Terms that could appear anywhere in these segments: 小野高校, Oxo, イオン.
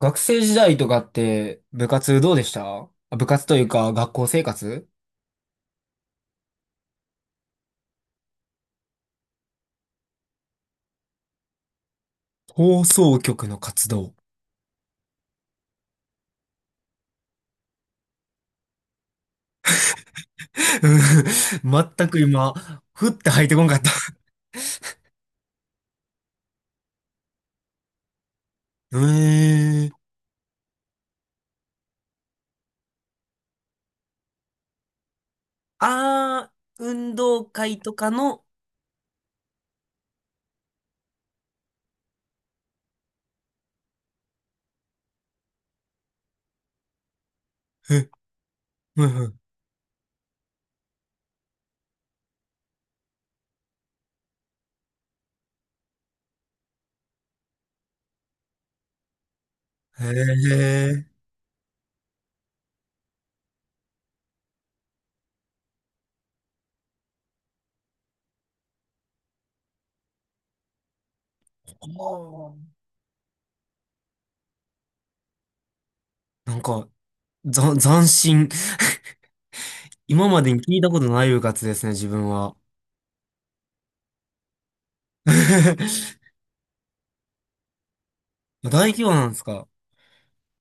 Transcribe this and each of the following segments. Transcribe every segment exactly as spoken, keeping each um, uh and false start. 学生時代とかって部活どうでした？あ、部活というか学校生活。放送局の活動。うん、全く今、ふって入ってこんかった。えー。あー、運動会とかの、え、うんうん、へえ。あー、なんか、ざ、斬新。今までに聞いたことない部活ですね、自分は。大規模なんですか？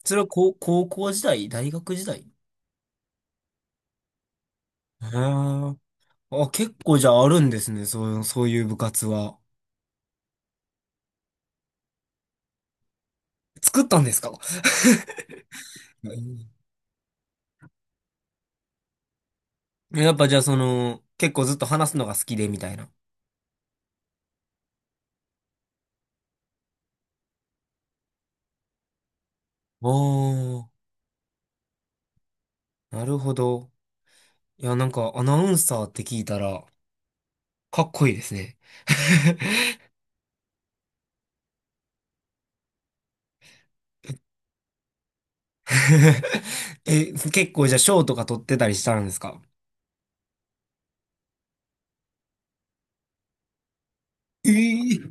それは高、高校時代大学時代？へー。あ、結構じゃああるんですね。そう、そういう部活は。作ったんですか？うん。やっぱじゃあその、結構ずっと話すのが好きでみたいな。あ、なるほど。いや、なんかアナウンサーって聞いたら、かっこいいですね。え、結構じゃあ賞とか取ってたりしたんですか？えー。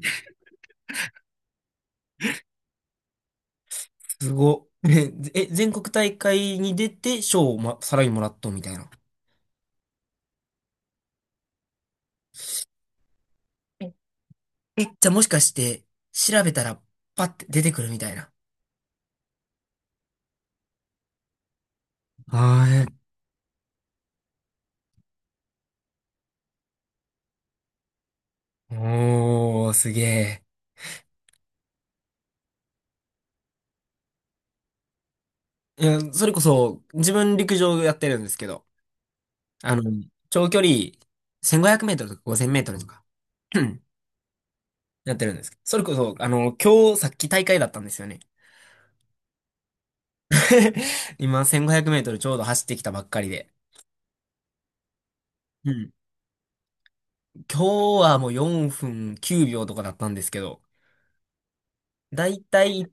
すご。ねえ、え、全国大会に出て賞を、ま、さらにもらっとみたいな。え、じゃあもしかして、調べたら、パッて出てくるみたいな。あい。おー、すげえ。いや、それこそ、自分陸上やってるんですけど、あの、長距離、せんごひゃくメートルとかごせんメートルとか、やってるんですけど、それこそ、あの、今日、さっき大会だったんですよね。今、せんごひゃくメートルちょうど走ってきたばっかりで。うん。今日はもうよんぷんきゅうびょうとかだったんですけど、だいたい、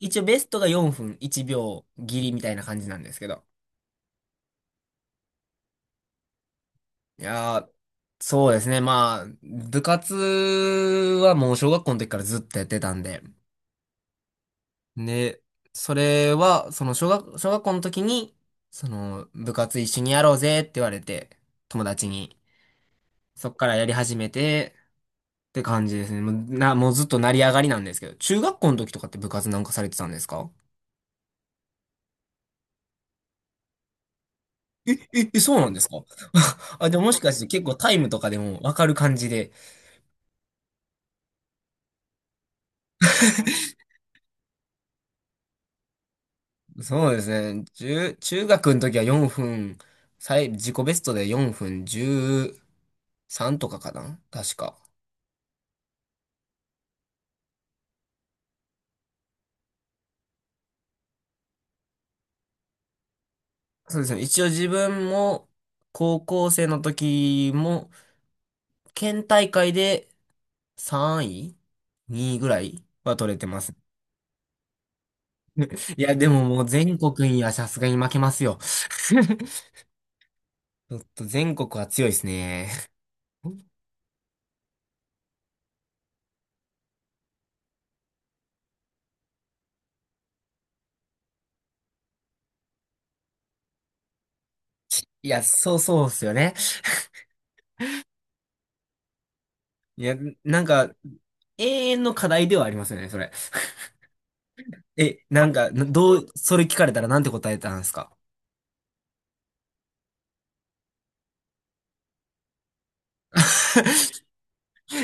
一応ベストがよんぷんいちびょう切りみたいな感じなんですけど。いやー、そうですね。まあ、部活はもう小学校の時からずっとやってたんで。で、それは、その小学、小学校の時に、その部活一緒にやろうぜって言われて、友達に。そっからやり始めてって感じですね。もう、な、もうずっと成り上がりなんですけど、中学校の時とかって部活なんかされてたんですか？え、え、え、そうなんですか？ あ、でももしかして結構タイムとかでもわかる感じで。そうですね。中、中学の時はよんぷん、最、自己ベストでよんぷんじゅうさんとかかな、確か。そうですね。一応自分も、高校生の時も、県大会でさんい ?に 位ぐらいは取れてます。いや、でももう全国にはさすがに負けますよ。ちょっと全国は強いですね。いや、そうそうっすよね。いや、なんか、永遠の課題ではありますよね、それ。え、なんか、どう、それ聞かれたらなんて答えたんですか？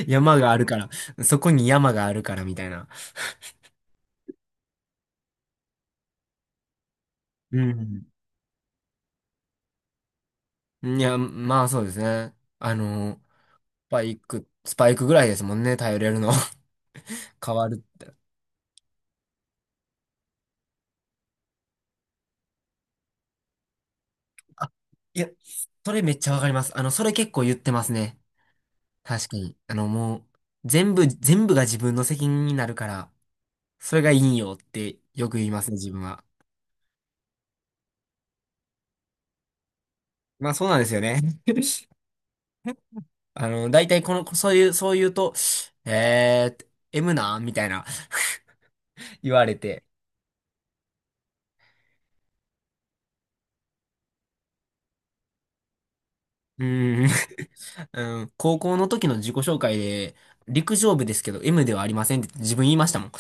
山があるから、そこに山があるからみたいな。うん。いや、まあそうですね。あの、スパイク、スパイクぐらいですもんね、頼れるの。変わる。あ、いや、それめっちゃわかります。あの、それ結構言ってますね。確かに。あの、もう、全部、全部が自分の責任になるから、それがいいよってよく言いますね、自分は。まあそうなんですよね。あの、大体この、そういう、そう言うと、えー、M なみたいな言われて。うーん、うん、高校の時の自己紹介で、陸上部ですけど M ではありませんって自分言いましたもん。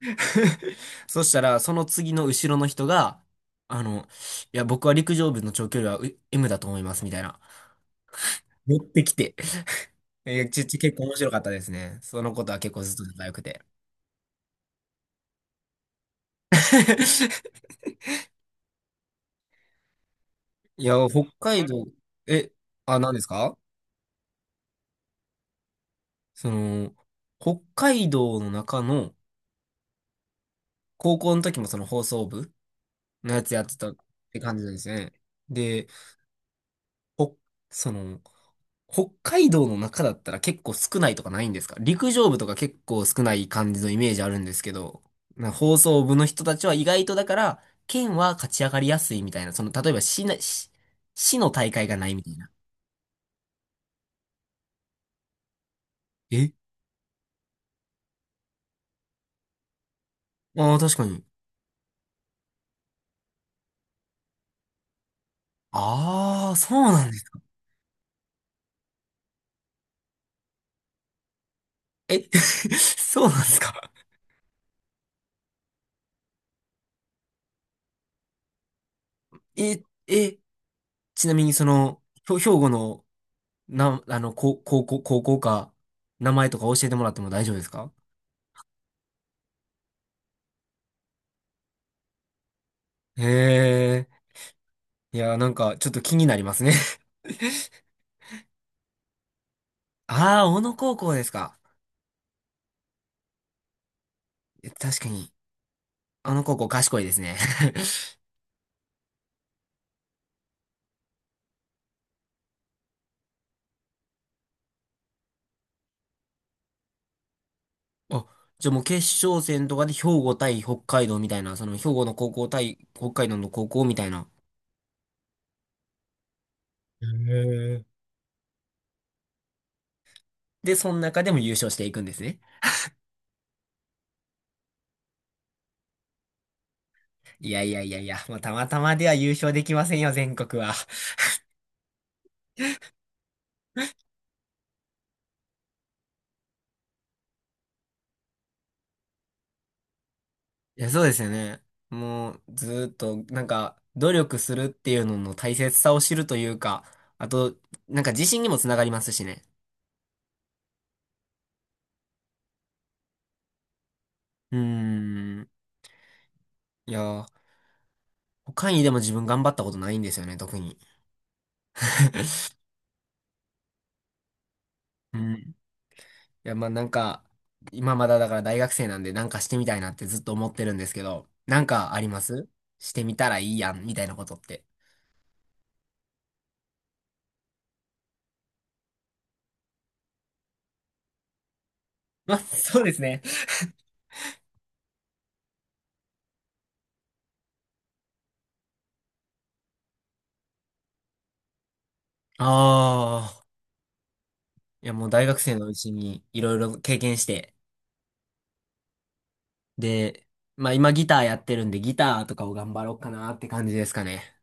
そしたら、その次の後ろの人が、あの、いや、僕は陸上部の長距離はう M だと思います、みたいな。持ってきて。え、ち、ち、結構面白かったですね。そのことは結構ずっと仲良くて。いや、北海道、え、あ、何ですか？その、北海道の中の、高校の時もその放送部のやつやってたって感じなんですね。で、ほ、その、北海道の中だったら結構少ないとかないんですか？陸上部とか結構少ない感じのイメージあるんですけど、な放送部の人たちは意外とだから、県は勝ち上がりやすいみたいな、その、例えば市な、市、市の大会がないみたいな。え、ああー、確かに。ああ、そうなんです。え、そうなんですか？え、え、ちなみにその、ひょ兵庫の、な、あの、高高校、高校か、名前とか教えてもらっても大丈夫ですか？へえ、いや、なんか、ちょっと気になりますね。ああ、小野高校ですか。え、確かに、あの高校賢いですね。あ、じゃあもう決勝戦とかで兵庫対北海道みたいな、その兵庫の高校対北海道の高校みたいな。へえ。で、その中でも優勝していくんですね。いやいやいやいや、まあたまたまでは優勝できませんよ、全国は。いや、そうですよね。もう、ずーっと、なんか、努力するっていうのの大切さを知るというか、あと、なんか自信にもつながりますしね。うーん。いやー、他にでも自分頑張ったことないんですよね、特に。うん。いや、まあなんか、今まだだから大学生なんでなんかしてみたいなってずっと思ってるんですけど、なんかあります？してみたらいいやん、みたいなことって。まあ、そうですね。ああ、いやもう大学生のうちにいろいろ経験して、で、まあ今ギターやってるんでギターとかを頑張ろうかなって感じですかね。